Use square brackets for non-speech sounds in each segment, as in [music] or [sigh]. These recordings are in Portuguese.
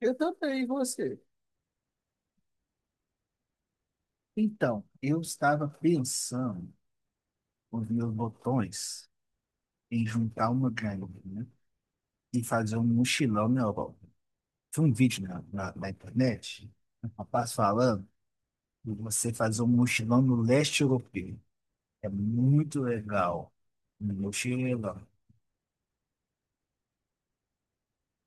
Eu também, e você? Então, eu estava pensando, quando vi os botões, em juntar uma graninha e fazer um mochilão na Europa. Tem um vídeo na internet, um rapaz falando de você fazer um mochilão no leste europeu. É muito legal. Um mochilão.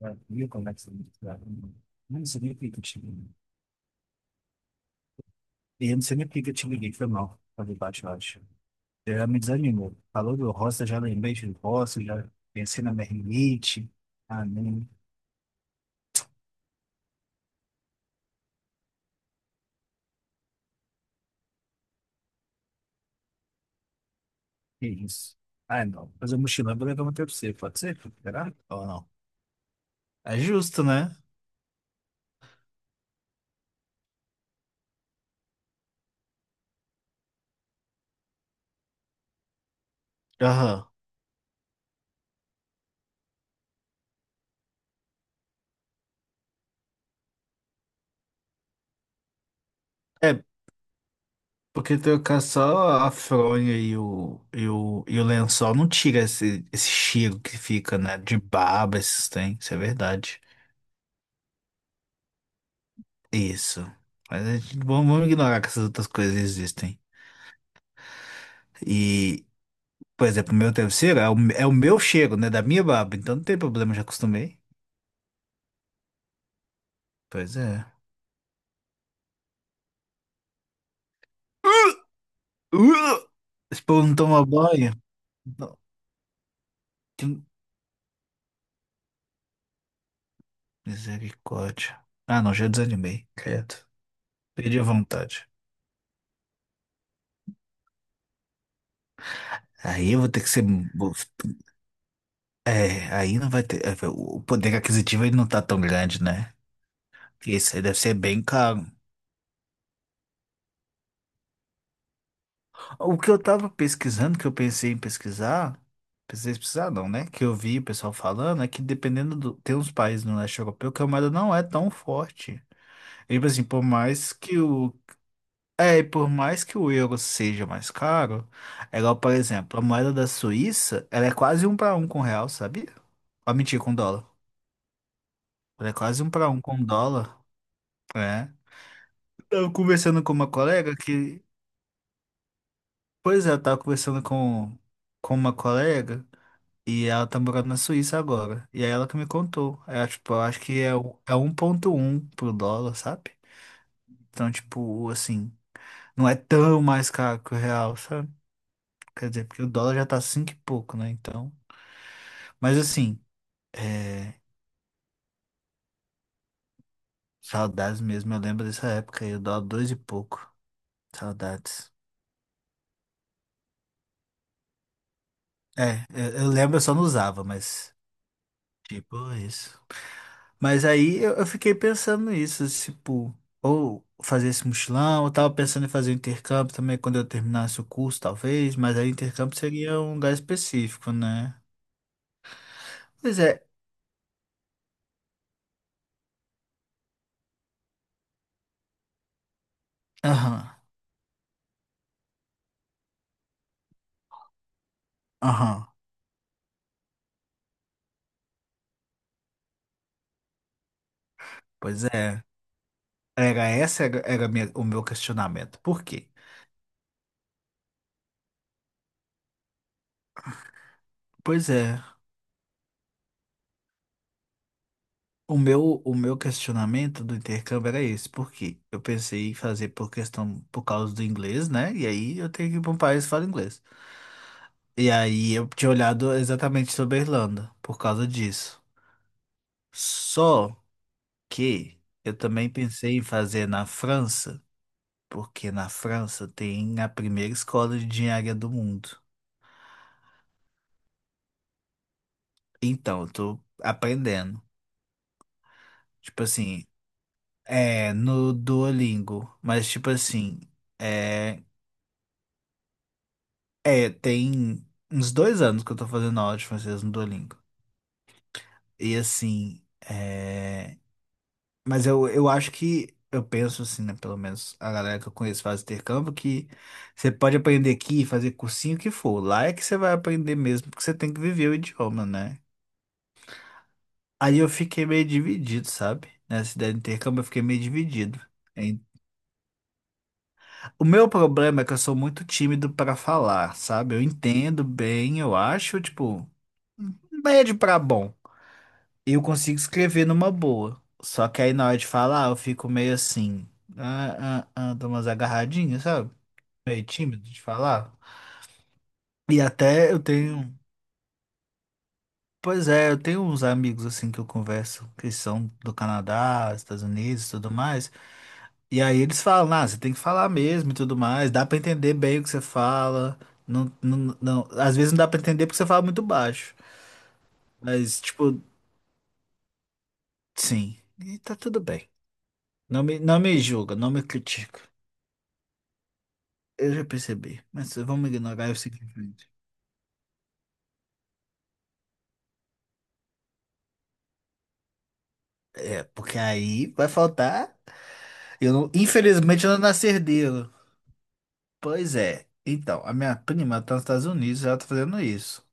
Já viu como é que você me. Eu não sei nem por que eu te liguei. Eu não sei nem por que eu te liguei, foi mal. Falei baixo, baixo. Já me desanimou. Falou do roça, já lembrei de roça, já pensei na mermite. Ah, não. Que isso? Ah, não. Fazer mochilão, eu vou levar uma pra você. Pode ser? Será? Ou não? É justo, né? Aham. É, porque trocar só a fronha e o, e o lençol não tira esse cheiro que fica, né? De baba, esses tem. Isso é verdade. Isso. Mas vamos ignorar que essas outras coisas existem. e Por exemplo, o meu travesseiro é o meu cheiro, né? Da minha barba. Então não tem problema, já acostumei. Pois é. Uh! Esse povo não toma banho. Não, que misericórdia. Ah, não, já desanimei. Credo. Perdi a vontade. Aí eu vou ter que ser. vou- É, aí não vai ter. O poder aquisitivo ele não tá tão grande, né? Isso aí deve ser bem caro. O que eu tava pesquisando, que eu pensei em pesquisar não, né? Que eu vi o pessoal falando, é que dependendo do. Tem uns países no leste europeu que a moeda não é tão forte. E, tipo assim, por mais que o. É, e por mais que o euro seja mais caro, é igual, por exemplo, a moeda da Suíça, ela é quase um para um com o real, sabia? Ah, mentira, com dólar. Ela é quase um para um com dólar, é. Tava conversando com uma colega que. Pois é, eu tava conversando com uma colega. E ela tá morando na Suíça agora. E é ela que me contou. É, tipo, eu acho que é, é um ponto um pro dólar, sabe? Então, tipo, assim, não é tão mais caro que o real, sabe? Quer dizer, porque o dólar já tá cinco e pouco, né? Então. Mas assim, é, saudades mesmo. Eu lembro dessa época aí, o dólar dois e pouco. Saudades. É, eu lembro, eu só não usava, mas, tipo, isso. Mas aí eu fiquei pensando nisso, tipo, ou fazer esse mochilão, eu tava pensando em fazer um intercâmbio também quando eu terminasse o curso, talvez, mas aí intercâmbio seria um lugar específico, né? Pois é, aham, aham, pois é. Era esse era, era a minha- o meu questionamento. Por quê? Pois é, o meu questionamento do intercâmbio era esse, por quê? Eu pensei em fazer por questão, por causa do inglês, né? E aí eu tenho que ir para um país que fala inglês. E aí eu tinha olhado exatamente sobre a Irlanda, por causa disso. Só que eu também pensei em fazer na França, porque na França tem a primeira escola de engenharia do mundo. Então, eu tô aprendendo. Tipo assim, é no Duolingo, mas tipo assim, é, é tem uns 2 anos que eu tô fazendo aula de francês no Duolingo. E assim, é. Mas eu acho que, eu penso assim, né? Pelo menos a galera que eu conheço faz intercâmbio, que você pode aprender aqui, fazer cursinho o que for. Lá é que você vai aprender mesmo, porque você tem que viver o idioma, né? Aí eu fiquei meio dividido, sabe? Nessa ideia de intercâmbio eu fiquei meio dividido. Em- O meu problema é que eu sou muito tímido para falar, sabe? Eu entendo bem, eu acho, tipo, médio para bom. E eu consigo escrever numa boa. Só que aí na hora de falar, eu fico meio assim, ah, ah, ah, dou umas agarradinhas, sabe? Meio tímido de falar. E até eu tenho. Pois é, eu tenho uns amigos assim que eu converso, que são do Canadá, Estados Unidos e tudo mais. E aí eles falam, ah, você tem que falar mesmo e tudo mais, dá pra entender bem o que você fala. Não, não, não, às vezes não dá pra entender porque você fala muito baixo. Mas, tipo, sim, e tá tudo bem. Não me julga, não me critica. Eu já percebi, mas vamos ignorar e seguir em frente. É, porque aí vai faltar. Eu não, Infelizmente eu não nasci herdeiro. Pois é. Então, a minha prima tá nos Estados Unidos, ela tá fazendo isso.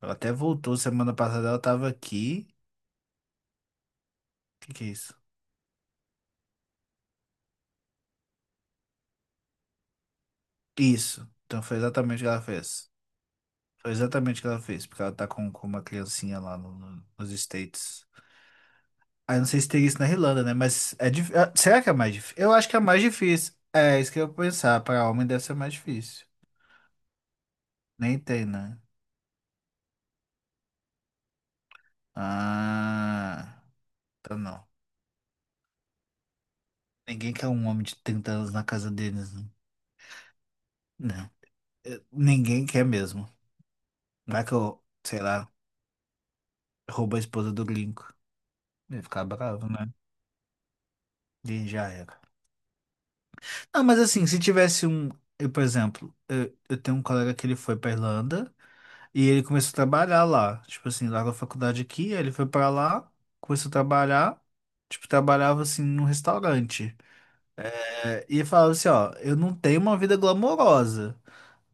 Ela até voltou semana passada, ela tava aqui. O que que é isso? Isso. Então foi exatamente o que ela fez. Foi exatamente o que ela fez, porque ela tá com uma criancinha lá nos States. Aí não sei se teria isso na Irlanda, né? Mas será que é mais difícil? Eu acho que é mais difícil. É, isso que eu ia pensar. Para homem deve ser mais difícil. Nem tem, né? Ah, então não. Ninguém quer um homem de 30 anos na casa deles, né? Não. Ninguém quer mesmo. Vai que eu, sei lá, roubo a esposa do gringo. Ele ia ficar bravo, né? E já era. Não, mas assim, se tivesse um. Eu, por exemplo, eu tenho um colega que ele foi pra Irlanda e ele começou a trabalhar lá. Tipo assim, largou a faculdade aqui, aí ele foi pra lá, começou a trabalhar. Tipo, trabalhava assim num restaurante. É, e falava assim, ó, eu não tenho uma vida glamourosa,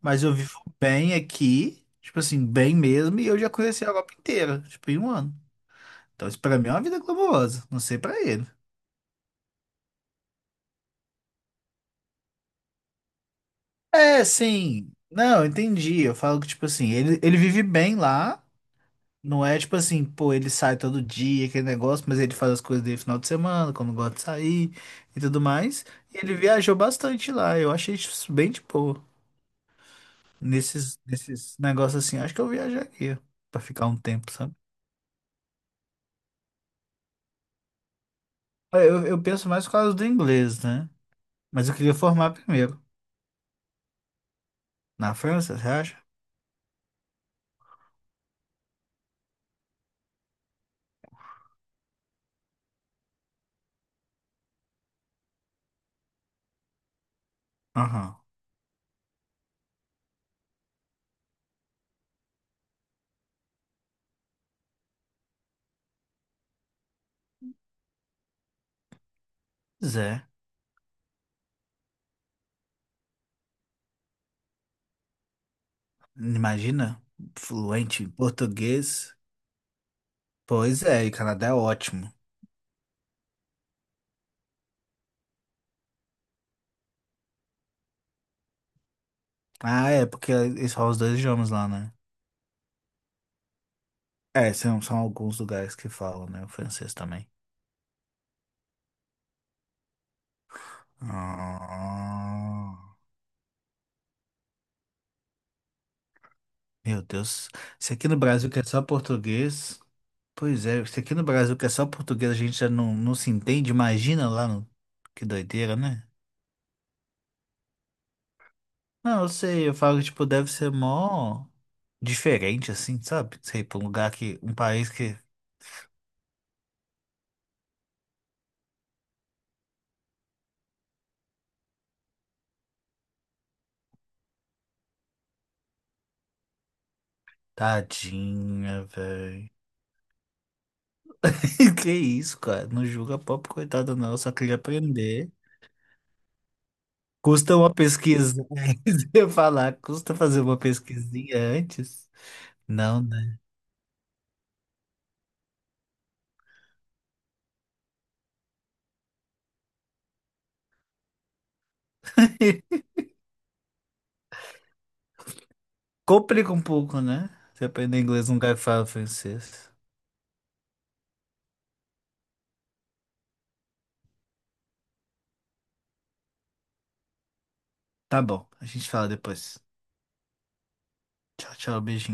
mas eu vivo bem aqui, tipo assim, bem mesmo, e eu já conheci a Europa inteira, tipo, em um ano. Então, isso pra mim é uma vida glamourosa. Não sei pra ele. É, sim. Não, entendi. Eu falo que, tipo assim, ele vive bem lá. Não é tipo assim, pô, ele sai todo dia, aquele negócio, mas ele faz as coisas dele final de semana, quando gosta de sair e tudo mais. E ele viajou bastante lá. Eu achei isso bem de boa. Nesses negócios assim, acho que eu viajaria pra ficar um tempo, sabe? Eu penso mais por causa do inglês, né? Mas eu queria formar primeiro. Na França, você acha? Aham. Zé. Imagina, fluente em português. Pois é, e Canadá é ótimo. Ah, é, porque eles falam os dois idiomas lá, né? É, são alguns lugares que falam, né? O francês também. Ah, meu Deus. Se aqui no Brasil que é só português. Pois é, se aqui no Brasil que é só português a gente já não se entende, imagina lá no. Que doideira, né? Não, eu sei, eu falo que, tipo, deve ser mó diferente, assim, sabe? Sei, pra um lugar que. Um país que tadinha, velho. [laughs] Que isso, cara? Não julga a pobre coitada, não. Eu só queria aprender. Custa uma pesquisa. [laughs] Se eu falar, custa fazer uma pesquisinha antes? Não, né? [laughs] Complica um pouco, né? Você aprender inglês num lugar que fala francês. Tá bom, a gente fala depois. Tchau, tchau, beijinho.